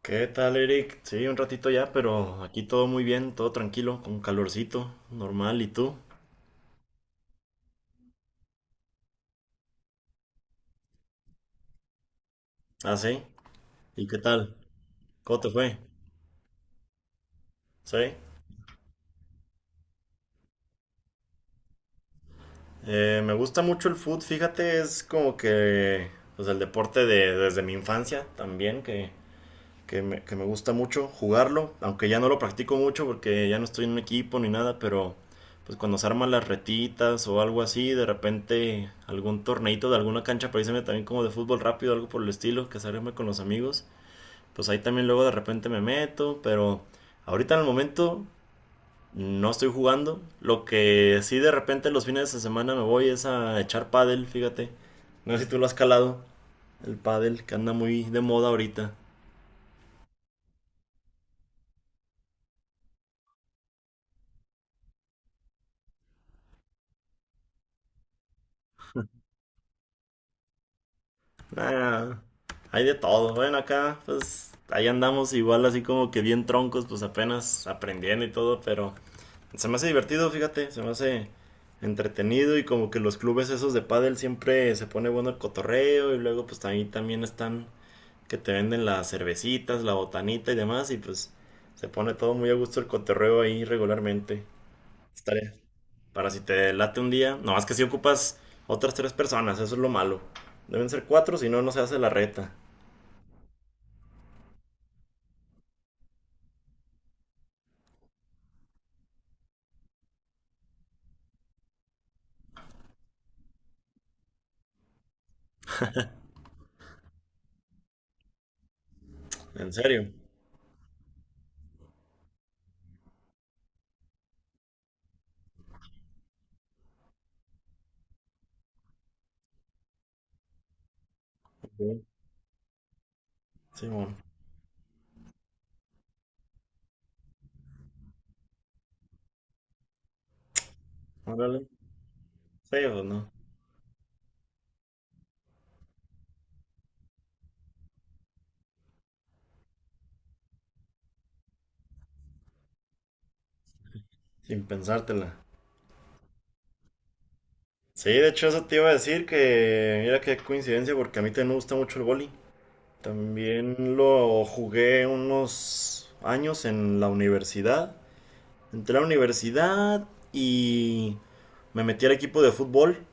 ¿Qué tal, Eric? Sí, un ratito ya, pero aquí todo muy bien, todo tranquilo, con calorcito, normal. ¿Y tú? Ah, sí. ¿Y qué tal? ¿Cómo te fue? Sí. Me gusta mucho el fútbol, fíjate, es como que, pues el deporte de, desde mi infancia también, que me gusta mucho jugarlo, aunque ya no lo practico mucho porque ya no estoy en un equipo ni nada, pero pues cuando se arman las retitas o algo así, de repente algún torneito de alguna cancha, pareceme también como de fútbol rápido, algo por el estilo, que se arme con los amigos, pues ahí también luego de repente me meto, pero ahorita en el momento no estoy jugando, lo que sí de repente los fines de semana me voy es a echar pádel, fíjate, no sé si tú lo has calado, el pádel que anda muy de moda ahorita. Ah, hay de todo. Bueno, acá, pues, ahí andamos igual así como que bien troncos, pues apenas aprendiendo y todo, pero se me hace divertido, fíjate, se me hace entretenido y como que los clubes esos de pádel siempre se pone bueno el cotorreo y luego pues ahí también están que te venden las cervecitas, la botanita y demás y pues se pone todo muy a gusto el cotorreo ahí regularmente. Estaré para si te late un día, no más que si ocupas otras tres personas, eso es lo malo. Deben ser cuatro, si no, no se hace la reta. ¿En serio? Ok. Sí, bueno. Órale. Sí, o no. Sin pensártela. Sí, de hecho eso te iba a decir que mira qué coincidencia porque a mí también me gusta mucho el vóley. También lo jugué unos años en la universidad. Entré a la universidad y me metí al equipo de fútbol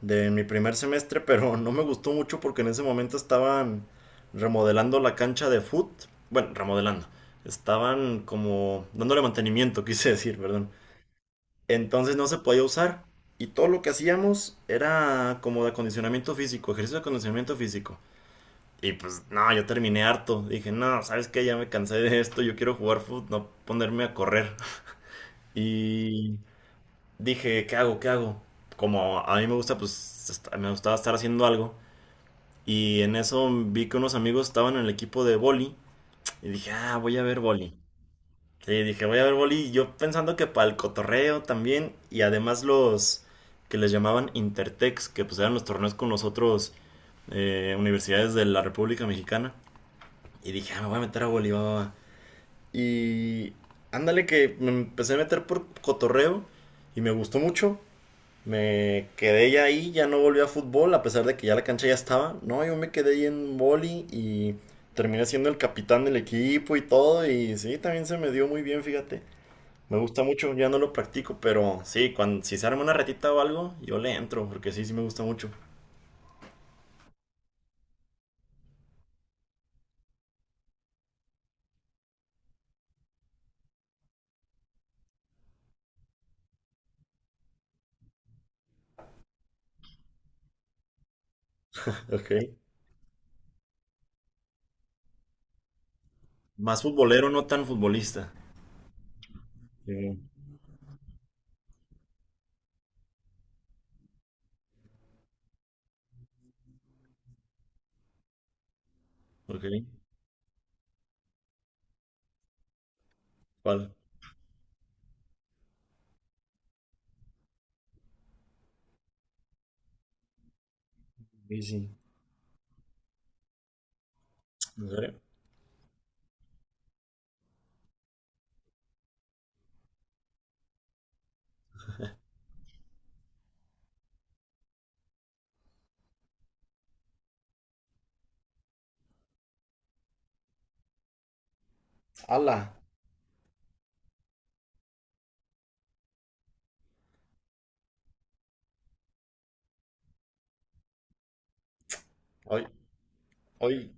de mi primer semestre, pero no me gustó mucho porque en ese momento estaban remodelando la cancha de fútbol. Bueno, remodelando. Estaban como dándole mantenimiento, quise decir, perdón. Entonces no se podía usar. Y todo lo que hacíamos era como de acondicionamiento físico, ejercicio de acondicionamiento físico. Y pues no, yo terminé harto. Dije, no, ¿sabes qué? Ya me cansé de esto, yo quiero jugar fútbol, no ponerme a correr. Y dije, ¿qué hago? ¿Qué hago? Como a mí me gusta, pues me gustaba estar haciendo algo. Y en eso vi que unos amigos estaban en el equipo de boli. Y dije, ah, voy a ver boli. Sí, dije, voy a ver boli. Y yo pensando que para el cotorreo también. Y además los que les llamaban Intertex, que pues eran los torneos con los otros universidades de la República Mexicana. Y dije, ah, me voy a meter a boli, va, va, va. Y ándale que me empecé a meter por cotorreo. Y me gustó mucho. Me quedé ya ahí, ya no volví a fútbol, a pesar de que ya la cancha ya estaba. No, yo me quedé ahí en boli y terminé siendo el capitán del equipo y todo. Y sí, también se me dio muy bien, fíjate. Me gusta mucho, ya no lo practico, pero sí, cuando, si se arma una retita o algo, yo le entro, porque sí, sí me gusta mucho. Ok. Más futbolero, no tan futbolista. Sí. Ok. ¿Cuál? Sí, sí. ¿En serio? ¡Hala! Hoy, hoy,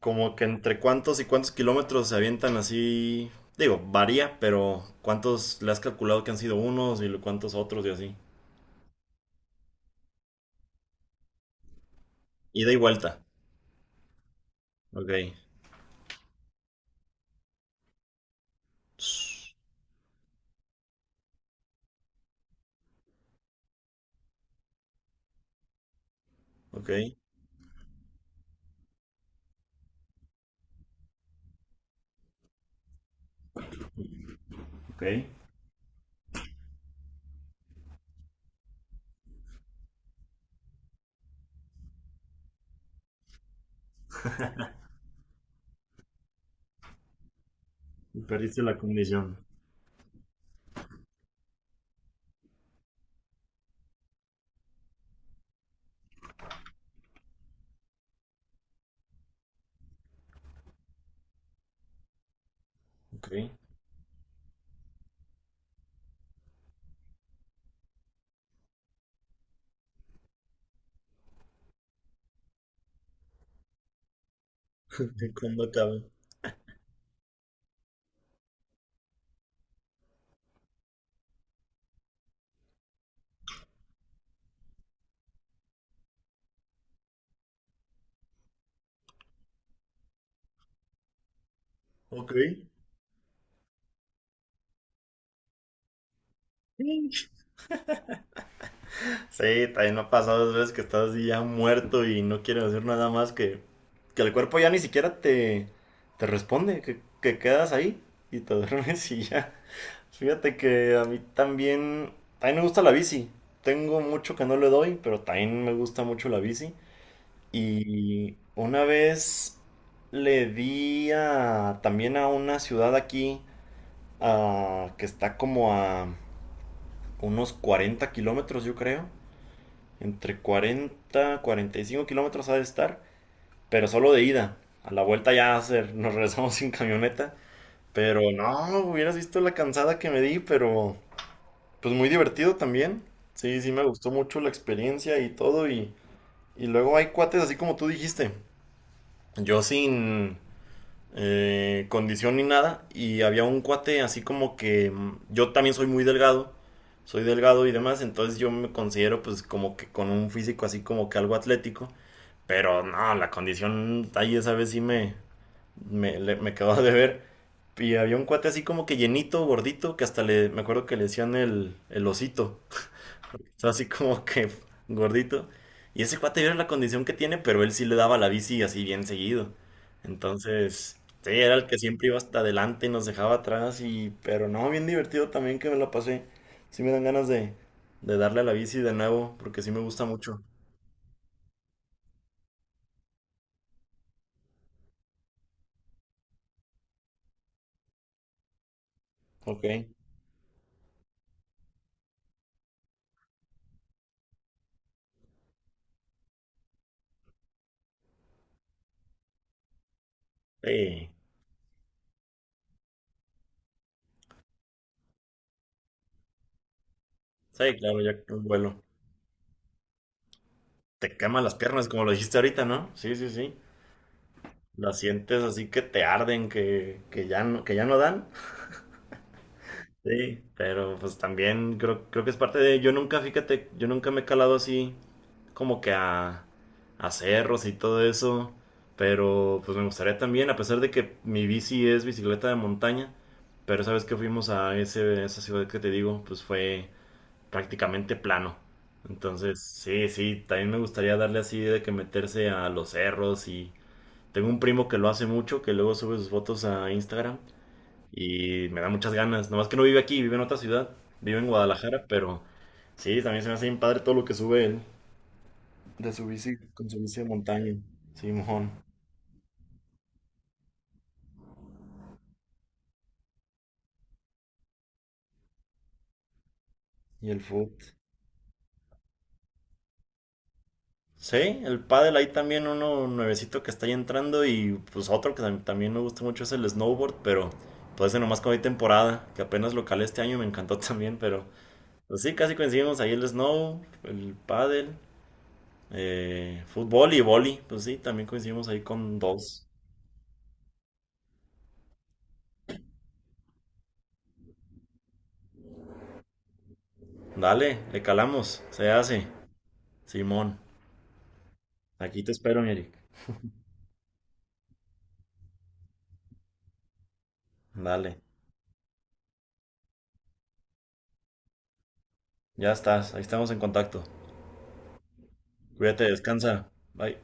como que entre cuántos y cuántos kilómetros se avientan así. Digo, varía, pero ¿cuántos le has calculado que han sido unos y lo- cuántos otros y así? Ida y vuelta. Ok. Sh. Ok. Ok. Y perdiste la condición. Ok. ¿Cuándo acaba? Ok. Sí, también me ha pasado dos veces que estás así ya muerto y no quieres hacer nada más que el cuerpo ya ni siquiera te, te responde, que quedas ahí y te duermes y ya. Fíjate que a mí también me gusta la bici. Tengo mucho que no le doy, pero también me gusta mucho la bici. Y una vez le di a, también a una ciudad aquí, ah, que está como a unos 40 kilómetros, yo creo. Entre 40, 45 kilómetros ha de estar, pero solo de ida. A la vuelta ya hacer, nos regresamos sin camioneta. Pero no, hubieras visto la cansada que me di, pero... Pues muy divertido también. Sí, sí, me gustó mucho la experiencia y todo. Y luego hay cuates, así como tú dijiste. Yo sin condición ni nada. Y había un cuate así como que yo también soy muy delgado. Soy delgado y demás. Entonces yo me considero pues como que con un físico así como que algo atlético. Pero no, la condición ahí esa vez sí me quedó de ver. Y había un cuate así como que llenito, gordito, que hasta le, me acuerdo que le decían el osito. Sea, así como que gordito. Y ese cuate yo era la condición que tiene, pero él sí le daba la bici así bien seguido. Entonces, sí, era el que siempre iba hasta adelante y nos dejaba atrás. Y, pero no, bien divertido también que me la pasé. Sí me dan ganas de darle a la bici de nuevo, porque sí me gusta mucho. Ok. Sí, sí, claro, ya que vuelo. Te queman las piernas, como lo dijiste ahorita, ¿no? Sí, sí, sí. Las sientes así que te arden, que ya no dan. Sí, pero pues también creo que es parte de... Yo nunca, fíjate, yo nunca me he calado así como que a cerros y todo eso, pero pues me gustaría también, a pesar de que mi bici es bicicleta de montaña, pero sabes que fuimos a esa ciudad que te digo, pues fue prácticamente plano. Entonces, sí, sí, también me gustaría darle así de que meterse a los cerros y tengo un primo que lo hace mucho, que luego sube sus fotos a Instagram y me da muchas ganas. Nomás que no vive aquí, vive en otra ciudad. Vive en Guadalajara, pero sí, también se me hace bien padre todo lo que sube él. De su bici, con su bici de montaña. Simón. Y el foot. Sí, el pádel ahí también uno nuevecito que está ahí entrando y pues otro que también me gusta mucho es el snowboard, pero pues ese nomás como hay temporada, que apenas lo calé este año me encantó también, pero pues sí, casi coincidimos ahí el snow, el pádel, fútbol y vóley, pues sí, también coincidimos ahí con dos. Dale, le calamos, se hace. Simón, aquí te espero, Eric. Dale, ya estás, ahí estamos en contacto. Cuídate, descansa. Bye.